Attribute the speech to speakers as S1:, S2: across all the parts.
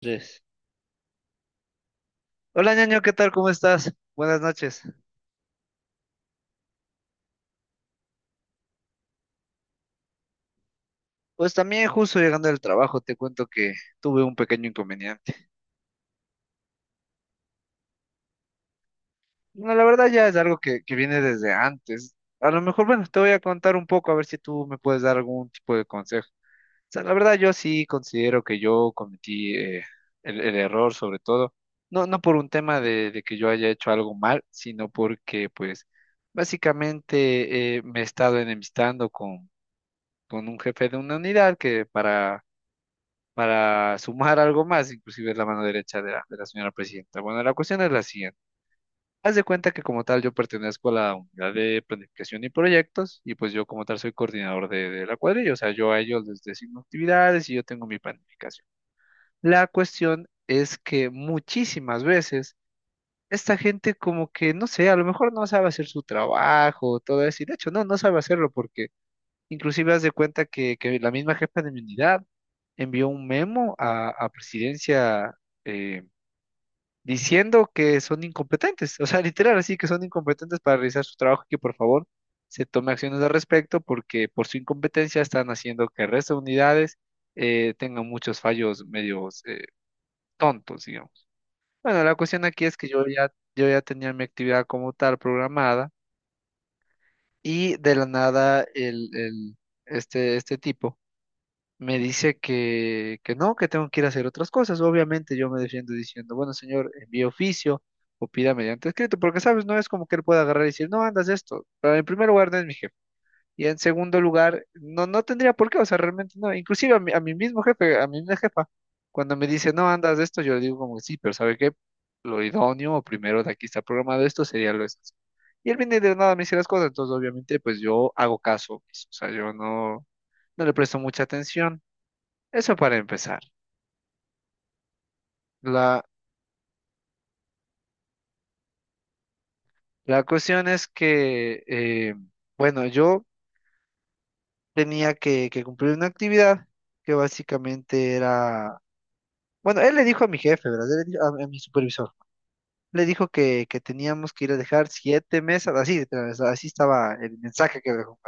S1: Tres. Hola, ñaño, ¿qué tal? ¿Cómo estás? Buenas noches. Pues también justo llegando del trabajo, te cuento que tuve un pequeño inconveniente. No, la verdad ya es algo que viene desde antes. A lo mejor, bueno, te voy a contar un poco a ver si tú me puedes dar algún tipo de consejo. O sea, la verdad yo sí considero que yo cometí el error sobre todo. No, no por un tema de que yo haya hecho algo mal, sino porque pues básicamente me he estado enemistando con un jefe de una unidad que para sumar algo más, inclusive es la mano derecha de la señora presidenta. Bueno, la cuestión es la siguiente. Haz de cuenta que como tal yo pertenezco a la unidad de planificación y proyectos, y pues yo como tal soy coordinador de la cuadrilla, o sea, yo a ellos les designo actividades y yo tengo mi planificación. La cuestión es que muchísimas veces esta gente como que, no sé, a lo mejor no sabe hacer su trabajo, todo eso, y de hecho no sabe hacerlo porque inclusive haz de cuenta que la misma jefa de mi unidad envió un memo a presidencia eh, diciendo que son incompetentes, o sea, literal, así que son incompetentes para realizar su trabajo y que por favor se tome acciones al respecto porque por su incompetencia están haciendo que el resto de unidades tengan muchos fallos medios tontos, digamos. Bueno, la cuestión aquí es que yo ya tenía mi actividad como tal programada y de la nada este tipo me dice que no, que tengo que ir a hacer otras cosas. Obviamente yo me defiendo diciendo, bueno, señor, envíe oficio o pida mediante escrito, porque, ¿sabes? No es como que él pueda agarrar y decir, no, andas esto. Pero en primer lugar, no es mi jefe. Y en segundo lugar, no, no tendría por qué, o sea, realmente no. Inclusive a mi mismo jefe, a mi misma jefa, cuando me dice, no, andas esto, yo le digo como, sí, pero ¿sabe qué? Lo idóneo, o primero de aquí está programado esto, sería lo esencial. Y él viene y de nada, me dice las cosas, entonces obviamente pues yo hago caso, pues, o sea, yo no le presto mucha atención. Eso para empezar. La, la cuestión es que, bueno, yo tenía que cumplir una actividad que básicamente era, bueno, él le dijo a mi jefe, ¿verdad? Él le dijo a mi supervisor, le dijo que teníamos que ir a dejar siete mesas, así, literal, o sea, así estaba el mensaje que me dejó.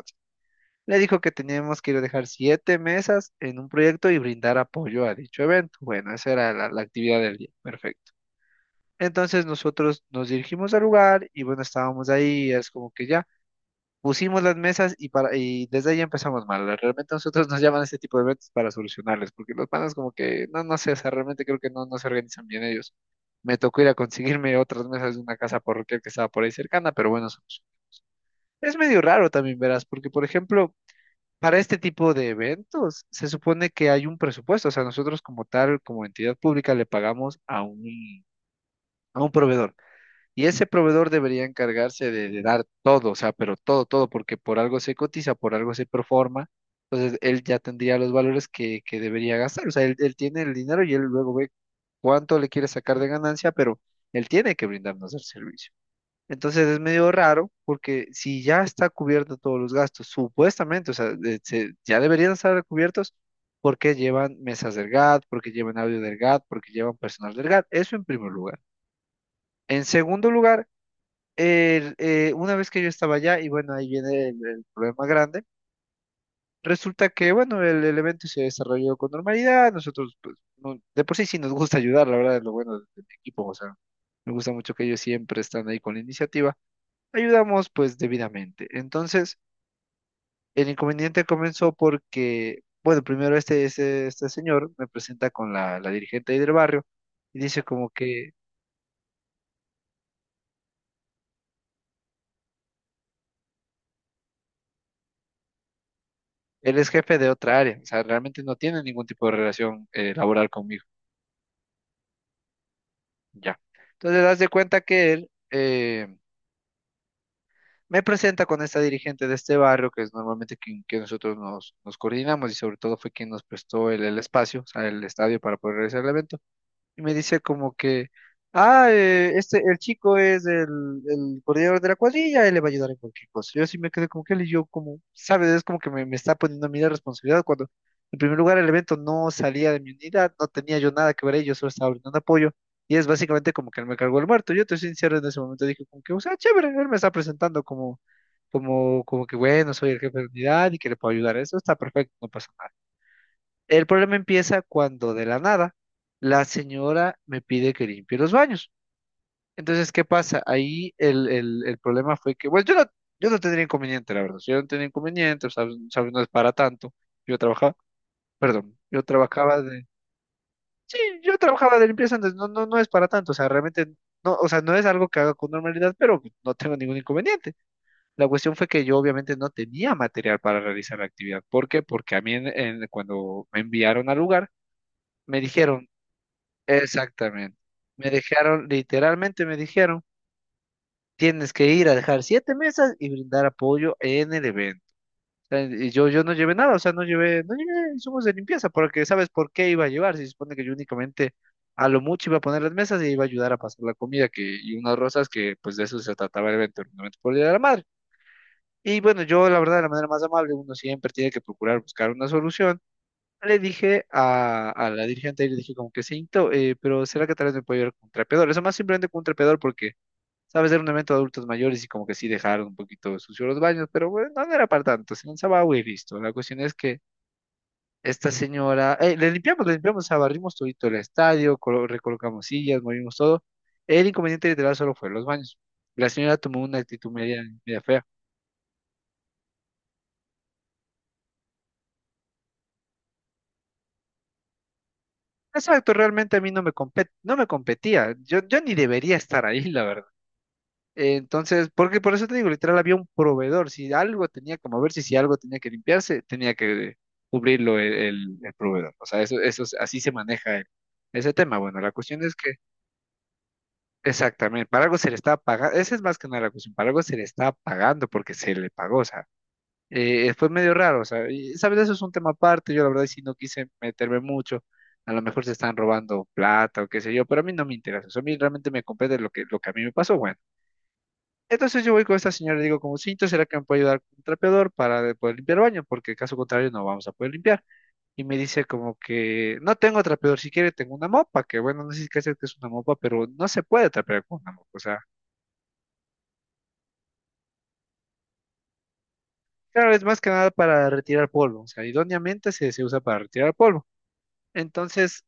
S1: Le dijo que teníamos que ir a dejar siete mesas en un proyecto y brindar apoyo a dicho evento. Bueno, esa era la actividad del día. Perfecto. Entonces nosotros nos dirigimos al lugar y bueno, estábamos ahí, es como que ya pusimos las mesas y desde ahí empezamos mal. Realmente nosotros nos llaman a este tipo de eventos para solucionarles, porque los panas como que, no, no sé, o sea, realmente creo que no, no se organizan bien ellos. Me tocó ir a conseguirme otras mesas de una casa parroquial que estaba por ahí cercana, pero bueno, es medio raro también, verás, porque por ejemplo, para este tipo de eventos se supone que hay un presupuesto, o sea, nosotros como tal, como entidad pública, le pagamos a un proveedor. Y ese proveedor debería encargarse de dar todo, o sea, pero todo, todo, porque por algo se cotiza, por algo se performa. Entonces, él ya tendría los valores que debería gastar. O sea, él tiene el dinero y él luego ve cuánto le quiere sacar de ganancia, pero él tiene que brindarnos el servicio. Entonces, es medio raro porque si ya está cubierto todos los gastos, supuestamente, o sea, ya deberían estar cubiertos porque llevan mesas del GAT, porque llevan audio del GAT, porque llevan personal del GAT. Eso en primer lugar. En segundo lugar, una vez que yo estaba allá, y bueno, ahí viene el problema grande, resulta que, bueno, el evento se desarrolló con normalidad, nosotros, pues, de por sí sí nos gusta ayudar, la verdad es lo bueno del equipo, o sea, me gusta mucho que ellos siempre están ahí con la iniciativa, ayudamos pues debidamente. Entonces, el inconveniente comenzó porque, bueno, primero este señor me presenta con la dirigente ahí del barrio y dice como que... Él es jefe de otra área, o sea, realmente no tiene ningún tipo de relación laboral conmigo. Ya. Entonces, das de cuenta que él me presenta con esta dirigente de este barrio, que es normalmente quien, que nosotros nos coordinamos y sobre todo fue quien nos prestó el espacio, o sea, el estadio para poder realizar el evento y me dice como que, ah, este, el chico es el coordinador de la cuadrilla, él le va a ayudar en cualquier cosa. Yo así me quedé como que él y yo como, ¿sabes? Es como que me está poniendo a mí la responsabilidad cuando, en primer lugar, el evento no salía de mi unidad, no tenía yo nada que ver ahí, yo solo estaba brindando apoyo. Y es básicamente como que él me cargó el muerto. Yo te soy sincero en ese momento, dije como que, o sea, chévere, él me está presentando como que, bueno, soy el jefe de unidad y que le puedo ayudar. Eso está perfecto, no pasa nada. El problema empieza cuando de la nada la señora me pide que limpie los baños. Entonces, ¿qué pasa? Ahí el problema fue que, bueno, yo no tenía inconveniente, la verdad. Yo no tenía inconveniente, ¿sabes? ¿Sabes? No es para tanto. Yo trabajaba, perdón, yo trabajaba de... Sí, yo trabajaba de limpieza antes, no, no, no es para tanto. O sea, realmente, no, o sea, no es algo que haga con normalidad, pero no tengo ningún inconveniente. La cuestión fue que yo obviamente no tenía material para realizar la actividad. ¿Por qué? Porque a mí cuando me enviaron al lugar, me dijeron. Exactamente. Me dejaron, literalmente me dijeron, tienes que ir a dejar siete mesas y brindar apoyo en el evento. O sea, y yo no llevé nada, o sea, no llevé, no llevé insumos de limpieza, porque sabes por qué iba a llevar, se supone que yo únicamente a lo mucho iba a poner las mesas y iba a ayudar a pasar la comida que, y unas rosas que pues de eso se trataba el evento, un evento por el Día de la Madre. Y bueno, yo la verdad, de la manera más amable, uno siempre tiene que procurar buscar una solución, le dije a la dirigente y le dije como que siento, pero ¿será que tal vez me puedo llevar con un trapeador? Eso más simplemente con un trapeador porque, sabes, era un evento de adultos mayores y como que sí dejaron un poquito sucios los baños, pero bueno, no era para tanto, se lanzaba agua y listo. La cuestión es que esta señora, le limpiamos, o sea, barrimos todito el estadio, recolocamos sillas, movimos todo. El inconveniente literal solo fue los baños. La señora tomó una actitud media, media fea. Exacto, realmente a mí no me competía. Yo ni debería estar ahí, la verdad. Entonces, porque por eso te digo, literal, había un proveedor. Si algo tenía que moverse, si algo tenía que limpiarse, tenía que cubrirlo el proveedor. O sea, eso, así se maneja ese tema. Bueno, la cuestión es que, exactamente, para algo se le está pagando, esa es más que nada la cuestión, para algo se le está pagando porque se le pagó, o sea, fue medio raro, o sea, y, sabes, eso es un tema aparte, yo la verdad sí no quise meterme mucho. A lo mejor se están robando plata o qué sé yo, pero a mí no me interesa. Eso a mí realmente me compete lo que a mí me pasó. Bueno. Entonces yo voy con esta señora y digo, como cinto, ¿será que me puede ayudar con un trapeador para poder limpiar el baño? Porque caso contrario no vamos a poder limpiar. Y me dice como que no tengo trapeador, si quiere tengo una mopa, que bueno, no sé si qué hacer que es una mopa, pero no se puede trapear con una mopa. O sea, claro, es más que nada para retirar polvo. O sea, idóneamente se usa para retirar polvo. Entonces,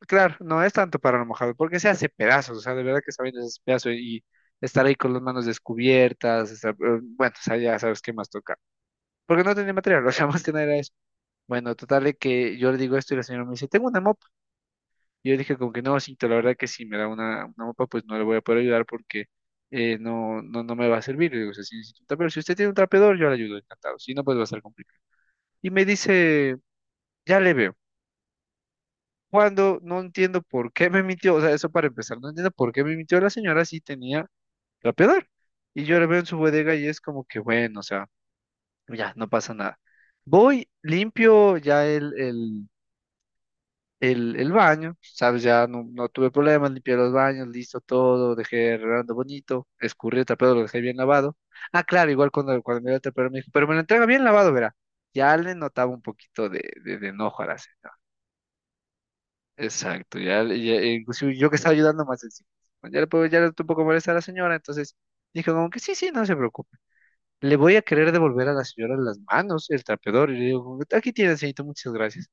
S1: claro, no es tanto para lo mojado, porque se hace pedazos. O sea, de verdad que sabiendo ese pedazo y estar ahí con las manos descubiertas, bueno, o sea, ya sabes qué más toca. Porque no tenía material, o sea, más que nada era eso. Bueno, total de que yo le digo esto y la señora me dice, tengo una mopa. Y yo dije como que no, cito, la verdad que si me da una mopa, pues no le voy a poder ayudar porque no, no me va a servir. Le digo, o sea, si necesito un trapeador, si usted tiene un trapeador, yo le ayudo, encantado. Si no, pues va a ser complicado. Y me dice, ya le veo. Cuando no entiendo por qué me mintió, o sea, eso para empezar, no entiendo por qué me mintió la señora si tenía trapeador. Y yo le veo en su bodega y es como que, bueno, o sea, ya, no pasa nada. Voy, limpio ya el baño, ¿sabes? Ya no, no tuve problemas, limpié los baños, listo todo, dejé arreglando bonito, escurrí el trapeado, lo dejé bien lavado. Ah, claro, igual cuando me dio el trapeador me dijo, pero me lo entrega bien lavado, verá. Ya le notaba un poquito de enojo a la señora. Exacto, ya, inclusive yo que estaba ayudando más encima. Ya le puedo, ya le estoy un poco molesta a la señora, entonces dije como que sí, sí, no se preocupe. Le voy a querer devolver a la señora las manos, el trapeador, y le digo, como que, aquí tiene, señorito, muchas gracias.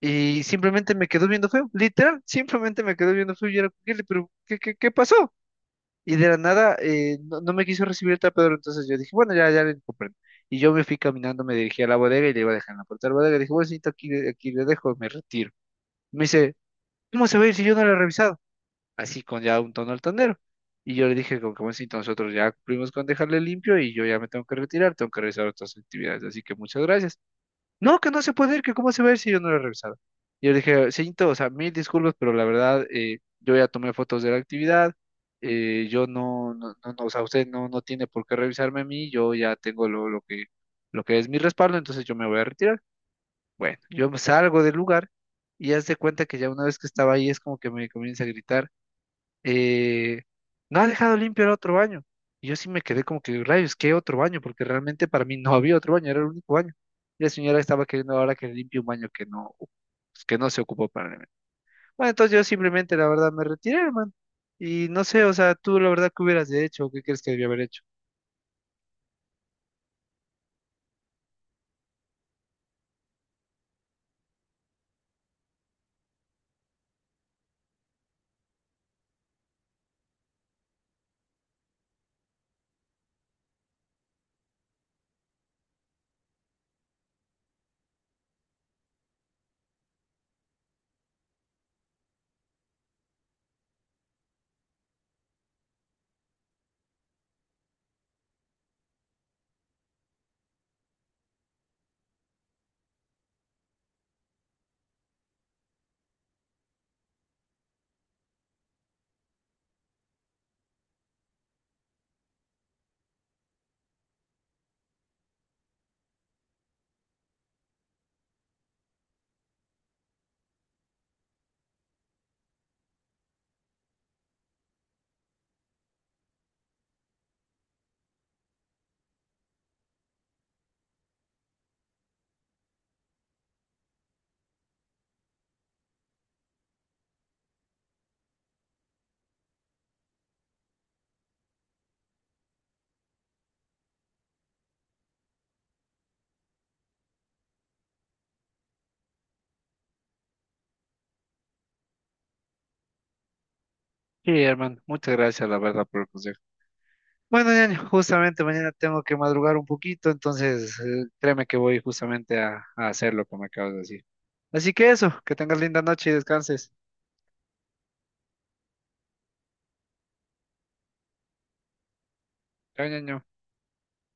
S1: Y simplemente me quedó viendo feo, literal, simplemente me quedó viendo feo y era, "Kelly, pero ¿qué, qué pasó?" Y de la nada no, no me quiso recibir el tapadero, entonces yo dije, bueno, ya, ya le comprendo. Y yo me fui caminando, me dirigí a la bodega y le iba a dejar en la puerta de la bodega. Dije, bueno, señorita, aquí, aquí le dejo, me retiro. Me dice, ¿cómo se va a ir si yo no lo he revisado? Así con ya un tono altanero. Y yo le dije, como que bueno, señorita, nosotros ya cumplimos con dejarle limpio y yo ya me tengo que retirar, tengo que realizar otras actividades. Así que muchas gracias. No, que no se puede ir, que cómo se va a ir si yo no lo he revisado. Y yo le dije, señorito, o sea, mil disculpas, pero la verdad, yo ya tomé fotos de la actividad, yo no, o sea, usted no, no tiene por qué revisarme a mí, yo ya tengo lo que es mi respaldo, entonces yo me voy a retirar. Bueno, yo me salgo del lugar y haz de cuenta que ya una vez que estaba ahí es como que me comienza a gritar, eh, no ha dejado limpio el otro baño. Y yo sí me quedé como que, rayos, ¿qué otro baño? Porque realmente para mí no había otro baño, era el único baño. Y la señora estaba queriendo ahora que limpie un baño que no, pues, que no se ocupó para mí. Bueno, entonces yo simplemente, la verdad, me retiré, hermano. Y no sé, o sea, tú la verdad, ¿qué hubieras hecho? ¿Qué crees que debía haber hecho? Sí, hermano, muchas gracias, la verdad, por el consejo. Bueno, ñaño, justamente mañana tengo que madrugar un poquito, entonces créeme que voy justamente a hacer lo que me acabas de decir. Así que eso, que tengas linda noche y descanses. Chao, ñaño.